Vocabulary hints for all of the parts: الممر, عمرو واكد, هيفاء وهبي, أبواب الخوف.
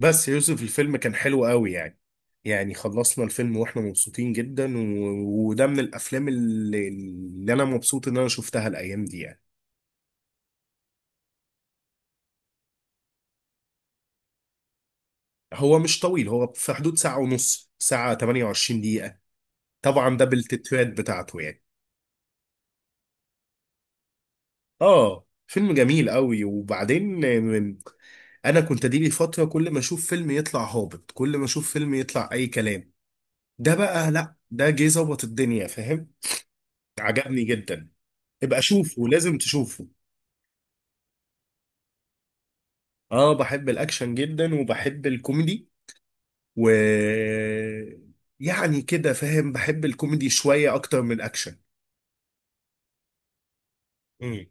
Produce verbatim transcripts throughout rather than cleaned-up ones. بس يوسف الفيلم كان حلو قوي يعني يعني خلصنا الفيلم واحنا مبسوطين جدا، و... وده من الافلام اللي... اللي انا مبسوط ان انا شفتها الايام دي يعني. هو مش طويل، هو في حدود ساعة ونص، ساعة ثمانية وعشرين دقيقة، طبعا ده بالتتوات بتاعته يعني. اه، فيلم جميل قوي. وبعدين من- انا كنت دي لي فترة كل ما اشوف فيلم يطلع هابط، كل ما اشوف فيلم يطلع اي كلام، ده بقى لا، ده جه ظبط الدنيا، فاهم؟ عجبني جدا. ابقى شوفه، لازم تشوفه. اه، بحب الاكشن جدا، وبحب الكوميدي و يعني كده فاهم، بحب الكوميدي شوية اكتر من الاكشن. امم.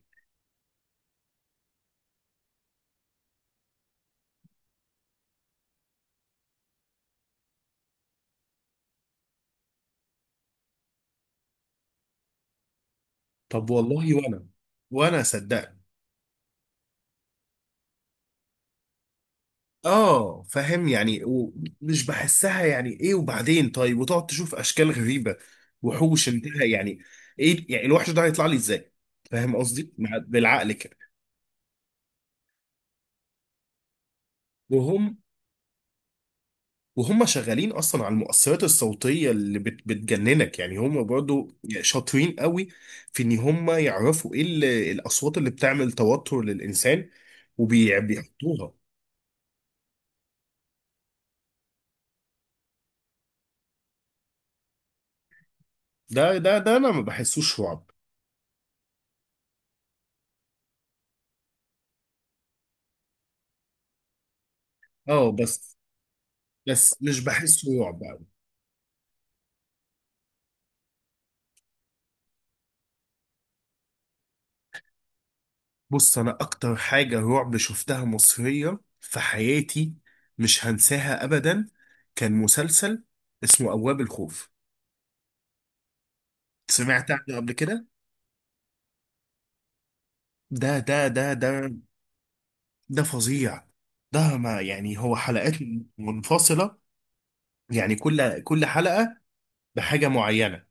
طب والله وانا، وانا صدقني. اه فاهم يعني، ومش بحسها يعني ايه، وبعدين طيب وتقعد تشوف اشكال غريبة، وحوش، انتهى يعني. ايه يعني الوحش ده هيطلع لي ازاي؟ فاهم قصدي؟ مع- بالعقل كده. وهم وهم شغالين اصلا على المؤثرات الصوتيه اللي بت بتجننك يعني، هم برضو شاطرين قوي في ان هم يعرفوا ايه ال- الاصوات اللي بتعمل توتر للانسان وبيحطوها. ده ده ده انا ما بحسوش رعب. اه بس، بس مش بحسه رعب قوي. بص، انا اكتر حاجه رعب شفتها مصريه في حياتي مش هنساها ابدا، كان مسلسل اسمه ابواب الخوف. سمعت عنه قبل كده؟ ده ده ده ده ده فظيع. ده ما يعني هو حلقات منفصلة، يعني كل كل حلقة بحاجة معينة.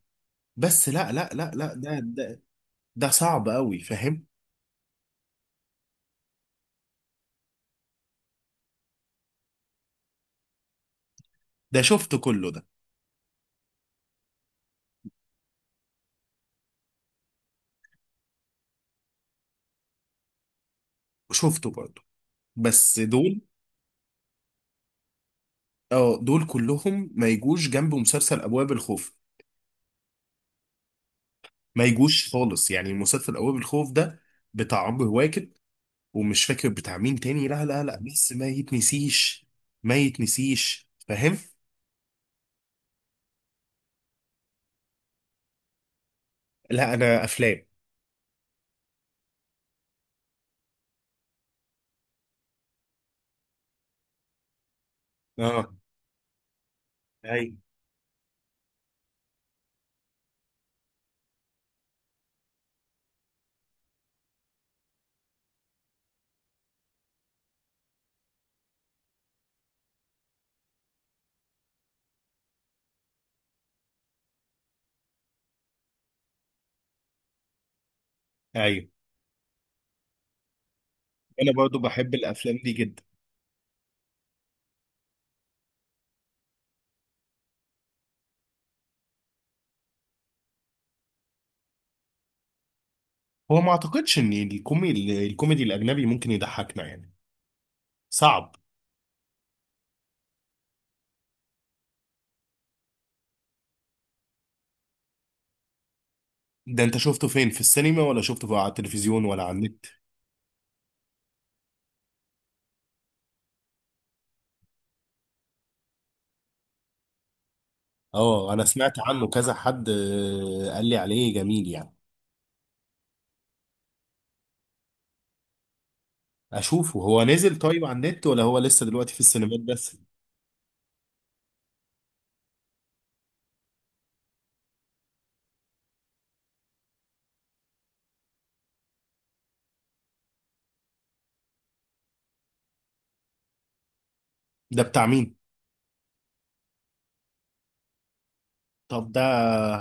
بس لا لا لا لا، ده ده ده صعب قوي فاهم. ده شفته كله ده، وشفته برضه، بس دول، اه، دول كلهم ما يجوش جنب مسلسل أبواب الخوف، ما يجوش خالص. يعني مسلسل أبواب الخوف ده بتاع عمرو واكد ومش فاكر بتاع مين تاني، لا لا لا، بس ما يتنسيش، ما يتنسيش فاهم. لا، انا افلام. اه، ايوه، ايوه. انا برضو بحب الافلام دي جدا. هو ما اعتقدش ان الكوميدي الكوميدي الاجنبي ممكن يضحكنا يعني، صعب. ده انت شفته فين، في السينما ولا شفته في- على التلفزيون ولا على النت؟ اه، انا سمعت عنه كذا حد آه، قال لي عليه جميل يعني. اشوفه، هو نزل طيب على النت ولا هو لسه دلوقتي في السينمات بس؟ ده بتاع مين؟ طب ده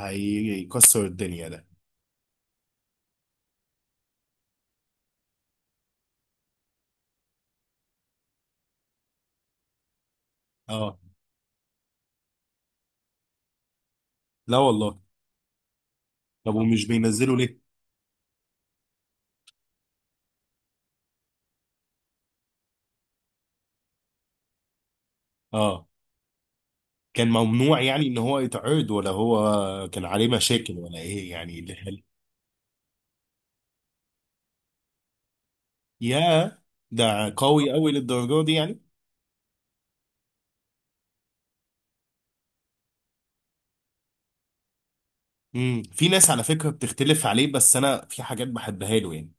هيكسر الدنيا ده. اه لا والله. طب ومش بينزله ليه؟ اه، كان ممنوع يعني ان هو يتعرض، ولا هو كان عليه مشاكل، ولا ايه يعني؟ يا ده قوي قوي للدرجة دي يعني؟ امم. في ناس على فكرة بتختلف عليه، بس انا في حاجات بحبها له يعني.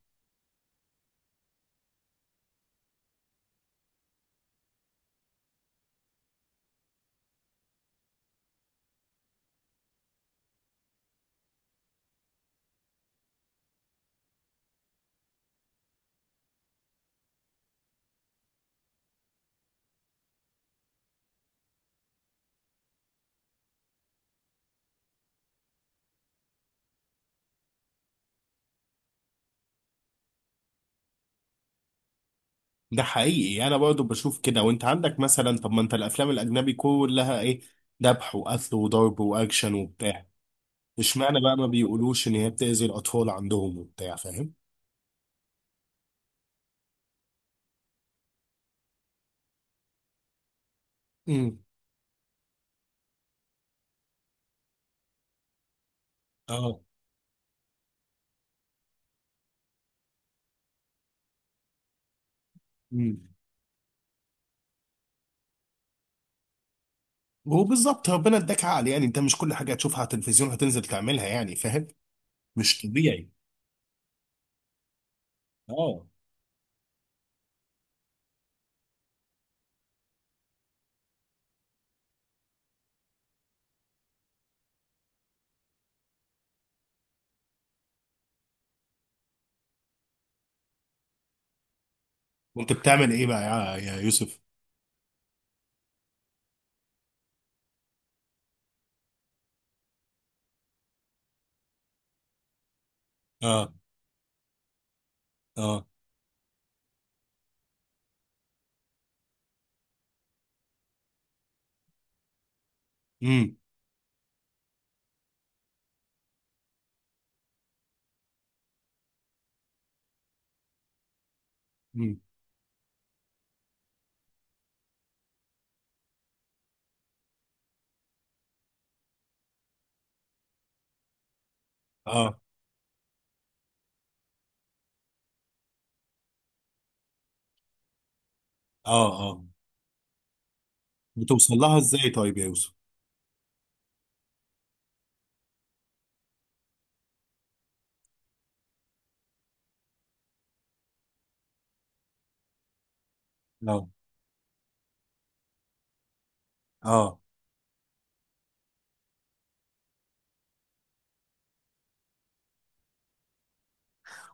ده حقيقي يعني، انا برضو بشوف كده. وانت عندك مثلا، طب ما انت الافلام الاجنبي كلها ايه، ذبح وقتل وضرب واكشن وبتاع، اشمعنى بقى ما بيقولوش ان هي بتأذي الاطفال عندهم وبتاع، فاهم؟ امم. اه. امم. وبالظبط، ربنا اداك عقل يعني، انت مش كل حاجة هتشوفها على التلفزيون هتنزل تعملها يعني فاهم، مش طبيعي. اه. وانت بتعمل ايه بقى يا يا يوسف؟ اه، اه. امم، امم. اه، اه، اه. بتوصل لها ازاي طيب يا يوسف؟ اه، اه.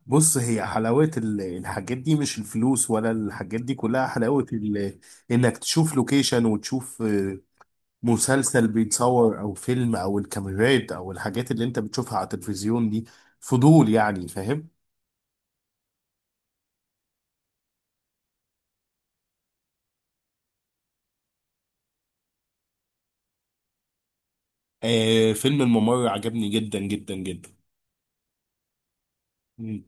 بص، هي حلاوة ال- الحاجات دي مش الفلوس، ولا الحاجات دي كلها، حلاوة ال- انك تشوف لوكيشن، وتشوف آه، مسلسل بيتصور او فيلم، او الكاميرات، او الحاجات اللي انت بتشوفها على التلفزيون دي، فضول يعني فاهم. آه فيلم الممر عجبني جدا جدا جدا. مم.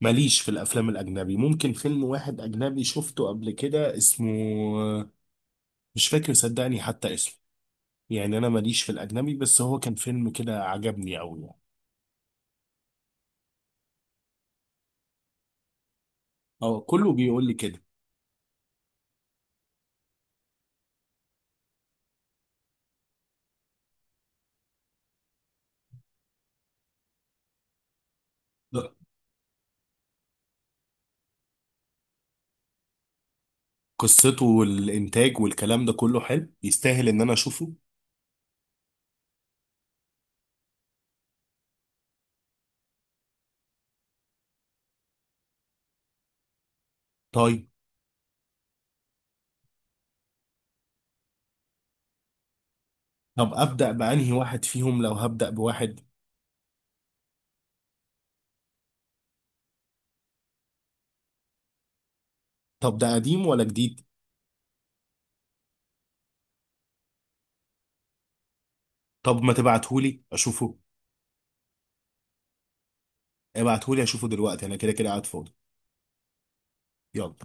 ماليش في الافلام الاجنبي. ممكن فيلم واحد اجنبي شفته قبل كده، اسمه مش فاكر صدقني حتى اسمه، يعني انا ماليش في الاجنبي، بس هو كان فيلم كده عجبني قوي يعني. اه، كله بيقول لي كده. لا، قصته والانتاج والكلام ده كله حلو، يستاهل ان انا اشوفه. طيب. طب ابدا بانهي واحد فيهم لو هبدا بواحد؟ طب ده قديم ولا جديد؟ طب ما تبعتهولي اشوفه. ابعتهولي اشوفه دلوقتي، انا كده كده قاعد فاضي. يلا.